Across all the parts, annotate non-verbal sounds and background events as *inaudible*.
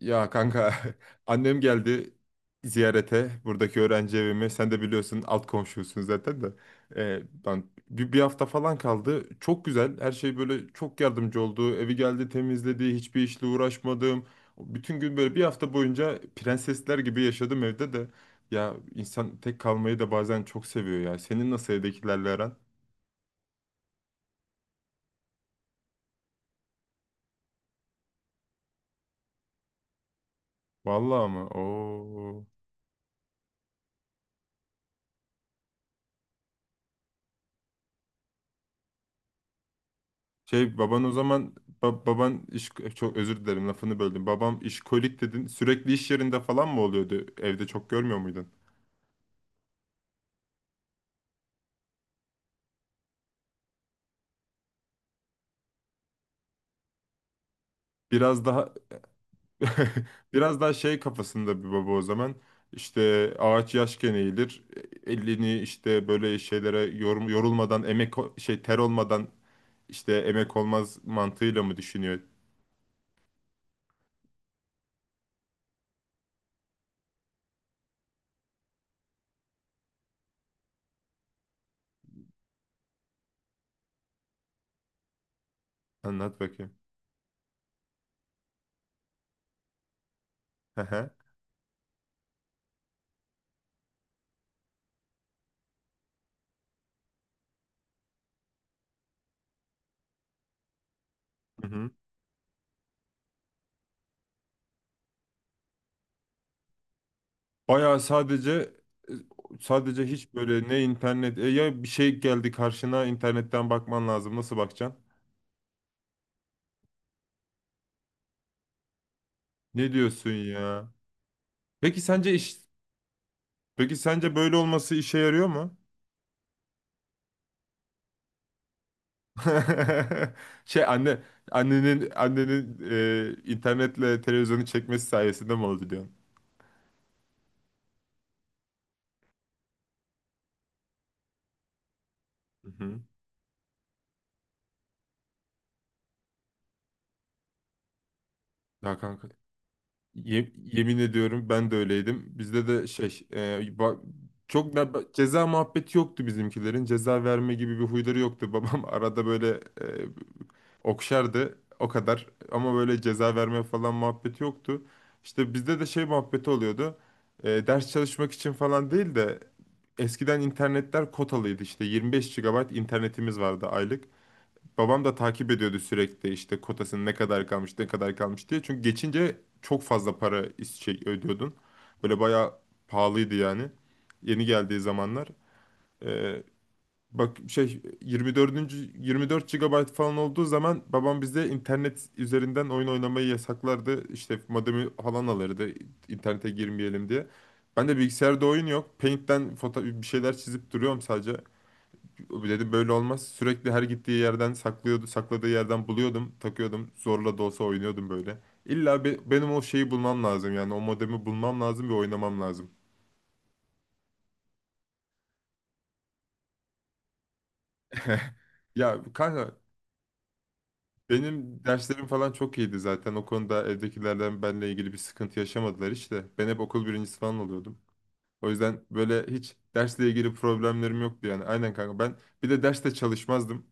Ya kanka *laughs* annem geldi ziyarete buradaki öğrenci evime. Sen de biliyorsun, alt komşusun zaten de. Ee, ben bir hafta falan kaldı. Çok güzel. Her şey böyle çok yardımcı oldu. Evi geldi temizledi. Hiçbir işle uğraşmadım. Bütün gün böyle bir hafta boyunca prensesler gibi yaşadım evde de. Ya insan tek kalmayı da bazen çok seviyor ya. Senin nasıl evdekilerle aran? Vallahi mı? Oo. Şey, baban o zaman... ba- baban iş Çok özür dilerim, lafını böldüm. Babam işkolik dedin. Sürekli iş yerinde falan mı oluyordu? Evde çok görmüyor muydun? Biraz daha *laughs* biraz daha kafasında bir baba o zaman. İşte, ağaç yaşken eğilir. Elini işte böyle şeylere yorulmadan, emek ter olmadan işte emek olmaz mantığıyla mı düşünüyor? Anlat bakayım. *laughs* Hı hı. Bayağı sadece sadece hiç böyle ne internet ya, bir şey geldi karşına, internetten bakman lazım. Nasıl bakacaksın? Ne diyorsun ya? Peki sence iş Peki sence böyle olması işe yarıyor mu? *laughs* Şey anne annenin internetle televizyonu çekmesi sayesinde mi oldu diyorsun? Hı hı. Ya kanka, yemin ediyorum, ben de öyleydim. Bizde de bak, çok da ceza muhabbeti yoktu bizimkilerin. Ceza verme gibi bir huyları yoktu. *laughs* Babam arada böyle e, okşardı o kadar, ama böyle ceza verme falan muhabbeti yoktu. İşte bizde de şey muhabbeti oluyordu. Ders çalışmak için falan değil de eskiden internetler kotalıydı işte, 25 gigabayt internetimiz vardı aylık. Babam da takip ediyordu sürekli işte kotasının ne kadar kalmış, ne kadar kalmış diye. Çünkü geçince çok fazla para ödüyordun. Böyle bayağı pahalıydı yani. Yeni geldiği zamanlar. Ee, Bak, 24 gigabayt falan olduğu zaman babam bize internet üzerinden oyun oynamayı yasaklardı. İşte modemi falan alırdı, internete girmeyelim diye. Ben de bilgisayarda oyun yok, Paint'ten foto bir şeyler çizip duruyorum sadece. Dedim böyle olmaz. Sürekli her gittiği yerden saklıyordu, sakladığı yerden buluyordum, takıyordum. Zorla da olsa oynuyordum böyle. İlla benim o şeyi bulmam lazım, yani o modemi bulmam lazım ve oynamam lazım. Ya kanka, benim derslerim falan çok iyiydi zaten. O konuda evdekilerden benimle ilgili bir sıkıntı yaşamadılar işte. Ben hep okul birincisi falan oluyordum. O yüzden böyle hiç dersle ilgili problemlerim yoktu yani. Aynen kanka, ben bir de derste çalışmazdım.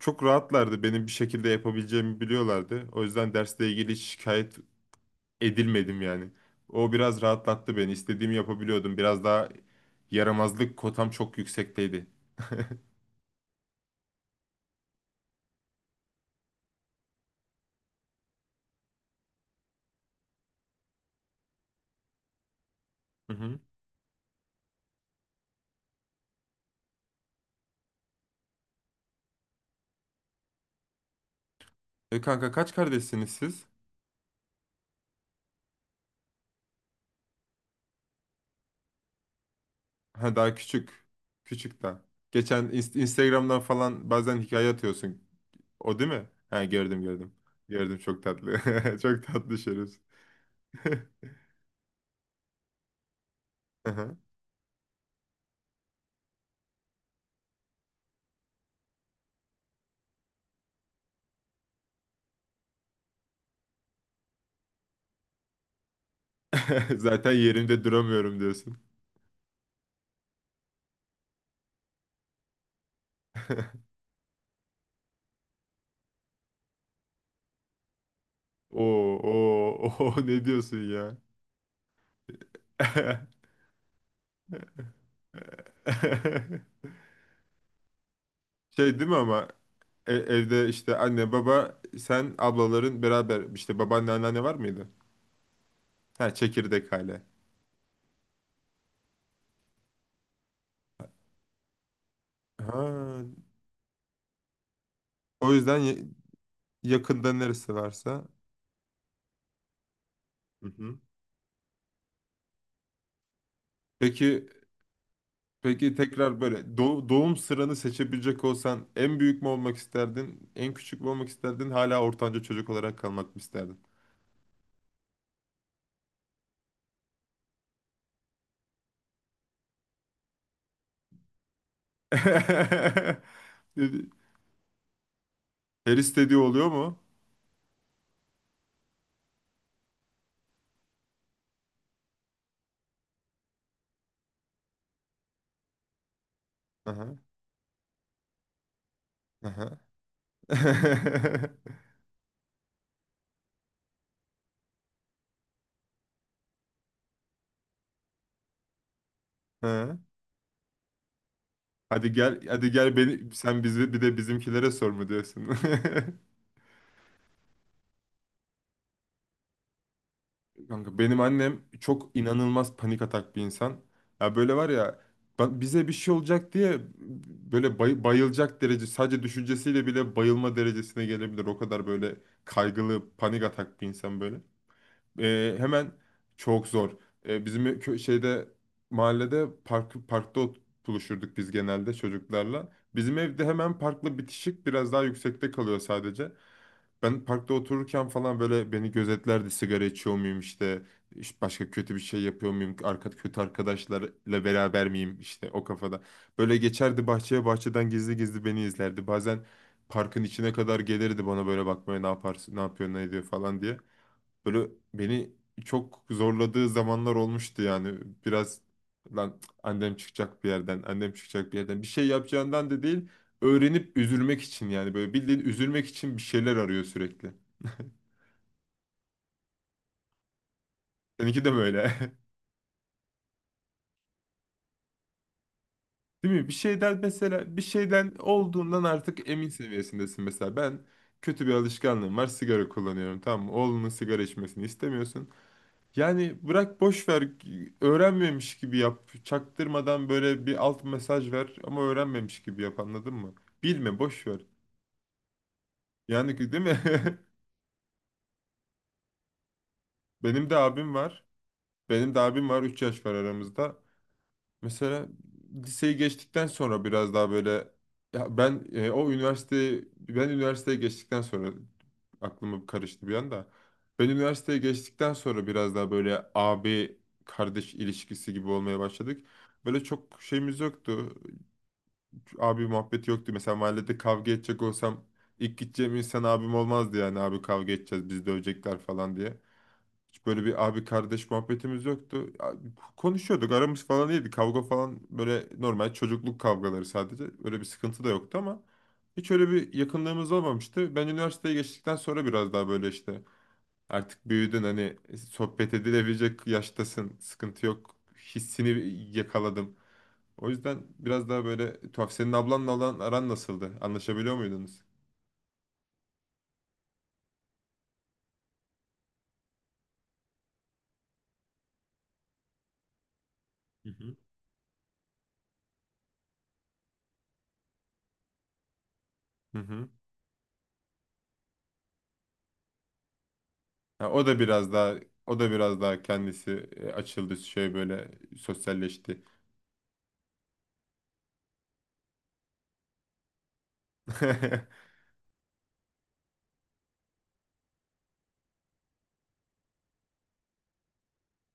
Çok rahatlardı, benim bir şekilde yapabileceğimi biliyorlardı. O yüzden dersle ilgili hiç şikayet edilmedim yani. O biraz rahatlattı beni, İstediğimi yapabiliyordum. Biraz daha yaramazlık kotam çok yüksekteydi. Hı hı. Kanka, kaç kardeşsiniz siz? Ha, daha küçük. Küçük daha. Geçen Instagram'dan falan bazen hikaye atıyorsun. O değil mi? Ha, gördüm, gördüm. Gördüm, çok tatlı. *laughs* Çok tatlı şerefsiz. *laughs* Hı hı. *laughs* Zaten yerimde duramıyorum diyorsun. *laughs* Oo, oo, oo, ne diyorsun ya? *laughs* Değil mi ama? Evde işte anne baba sen ablaların beraber işte babaanne anneanne var mıydı? Ha, çekirdek aile. Ha, o yüzden yakında neresi varsa. Hı hı. Peki peki tekrar böyle doğum sıranı seçebilecek olsan en büyük mü olmak isterdin? En küçük mü olmak isterdin? Hala ortanca çocuk olarak kalmak mı isterdin? *laughs* Her istediği oluyor mu? Aha, aha. *laughs* Hı. Hadi gel, hadi gel, beni sen bizi bir de bizimkilere sor mu diyorsun? *laughs* Kanka, benim annem çok inanılmaz panik atak bir insan. Ya böyle var ya, bize bir şey olacak diye böyle bayılacak derece, sadece düşüncesiyle bile bayılma derecesine gelebilir. O kadar böyle kaygılı, panik atak bir insan böyle. E, hemen Çok zor. Bizim kö- şeyde mahallede parkta buluşurduk biz, genelde çocuklarla. Bizim evde hemen parkla bitişik, biraz daha yüksekte kalıyor sadece. Ben parkta otururken falan böyle beni gözetlerdi, sigara içiyor muyum işte başka kötü bir şey yapıyor muyum, kötü arkadaşlarla beraber miyim işte, o kafada. Böyle geçerdi bahçeden gizli gizli beni izlerdi. Bazen parkın içine kadar gelirdi bana böyle bakmaya, ne yaparsın, ne yapıyor, ne ediyor falan diye. Böyle beni çok zorladığı zamanlar olmuştu yani. Biraz, lan annem çıkacak bir yerden, annem çıkacak bir yerden. Bir şey yapacağından da değil, öğrenip üzülmek için yani. Böyle bildiğin üzülmek için bir şeyler arıyor sürekli. Seninki de böyle. *laughs* Değil mi? Bir şeyden, mesela, bir şeyden olduğundan artık emin seviyesindesin mesela. Ben kötü bir alışkanlığım var, sigara kullanıyorum. Tamam mı? Oğlunun sigara içmesini istemiyorsun. Yani bırak, boş ver, öğrenmemiş gibi yap. Çaktırmadan böyle bir alt mesaj ver ama öğrenmemiş gibi yap, anladın mı? Bilme, boş ver. Yani değil mi? *laughs* Benim de abim var. Benim de abim var, 3 yaş var aramızda. Mesela liseyi geçtikten sonra biraz daha böyle, ya ben e, o üniversiteyi ben üniversiteye geçtikten sonra aklımı karıştı bir anda. Ben üniversiteye geçtikten sonra biraz daha böyle abi kardeş ilişkisi gibi olmaya başladık. Böyle çok şeyimiz yoktu. Abi muhabbeti yoktu. Mesela mahallede kavga edecek olsam ilk gideceğim insan abim olmazdı yani, abi kavga edeceğiz biz, dövecekler falan diye. Hiç böyle bir abi kardeş muhabbetimiz yoktu. Ya, konuşuyorduk, aramız falan iyiydi. Kavga falan böyle normal çocukluk kavgaları sadece. Öyle bir sıkıntı da yoktu ama hiç öyle bir yakınlığımız olmamıştı. Ben üniversiteye geçtikten sonra biraz daha böyle işte artık büyüdün, hani sohbet edilebilecek yaştasın, sıkıntı yok hissini yakaladım. O yüzden biraz daha böyle tuhaf. Senin ablanla olan aran nasıldı? Anlaşabiliyor muydunuz? Hı hı. Hı hı. Ha, o da biraz daha kendisi açıldı, böyle sosyalleşti.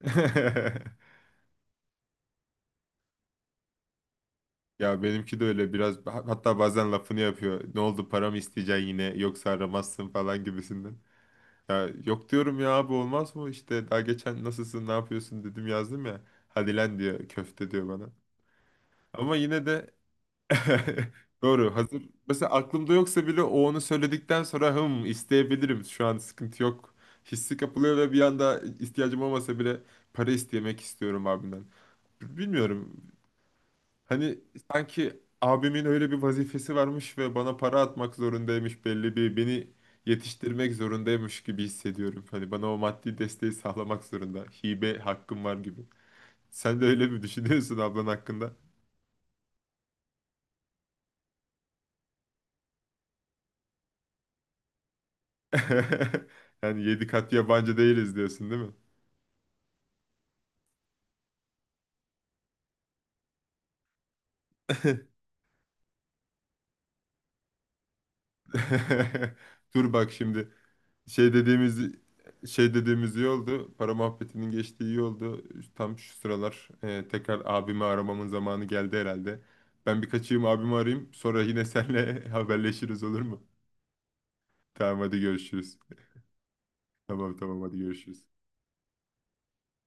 *laughs* Ya benimki de öyle biraz, hatta bazen lafını yapıyor. Ne oldu, para mı isteyeceksin yine, yoksa aramazsın falan gibisinden. Ya yok diyorum ya abi, olmaz mı işte, daha geçen nasılsın, ne yapıyorsun dedim, yazdım ya. Hadi lan, diyor, köfte, diyor bana. Ama yine de *laughs* doğru. Hazır. Mesela aklımda yoksa bile o onu söyledikten sonra isteyebilirim. Şu an sıkıntı yok. Hissi kapılıyor ve bir anda ihtiyacım olmasa bile para istemek istiyorum abimden. Bilmiyorum. Hani sanki abimin öyle bir vazifesi varmış ve bana para atmak zorundaymış, belli bir beni yetiştirmek zorundaymış gibi hissediyorum. Hani bana o maddi desteği sağlamak zorunda. Hibe hakkım var gibi. Sen de öyle mi düşünüyorsun ablan hakkında? *laughs* Yani yedi kat yabancı değiliz diyorsun, değil mi? *laughs* Dur bak şimdi, şey dediğimiz şey dediğimiz iyi oldu. Para muhabbetinin geçtiği iyi oldu. Tam şu sıralar tekrar abimi aramamın zamanı geldi herhalde. Ben bir kaçayım, abimi arayayım. Sonra yine seninle *laughs* haberleşiriz, olur mu? Tamam, hadi görüşürüz. Tamam, tamam, hadi görüşürüz.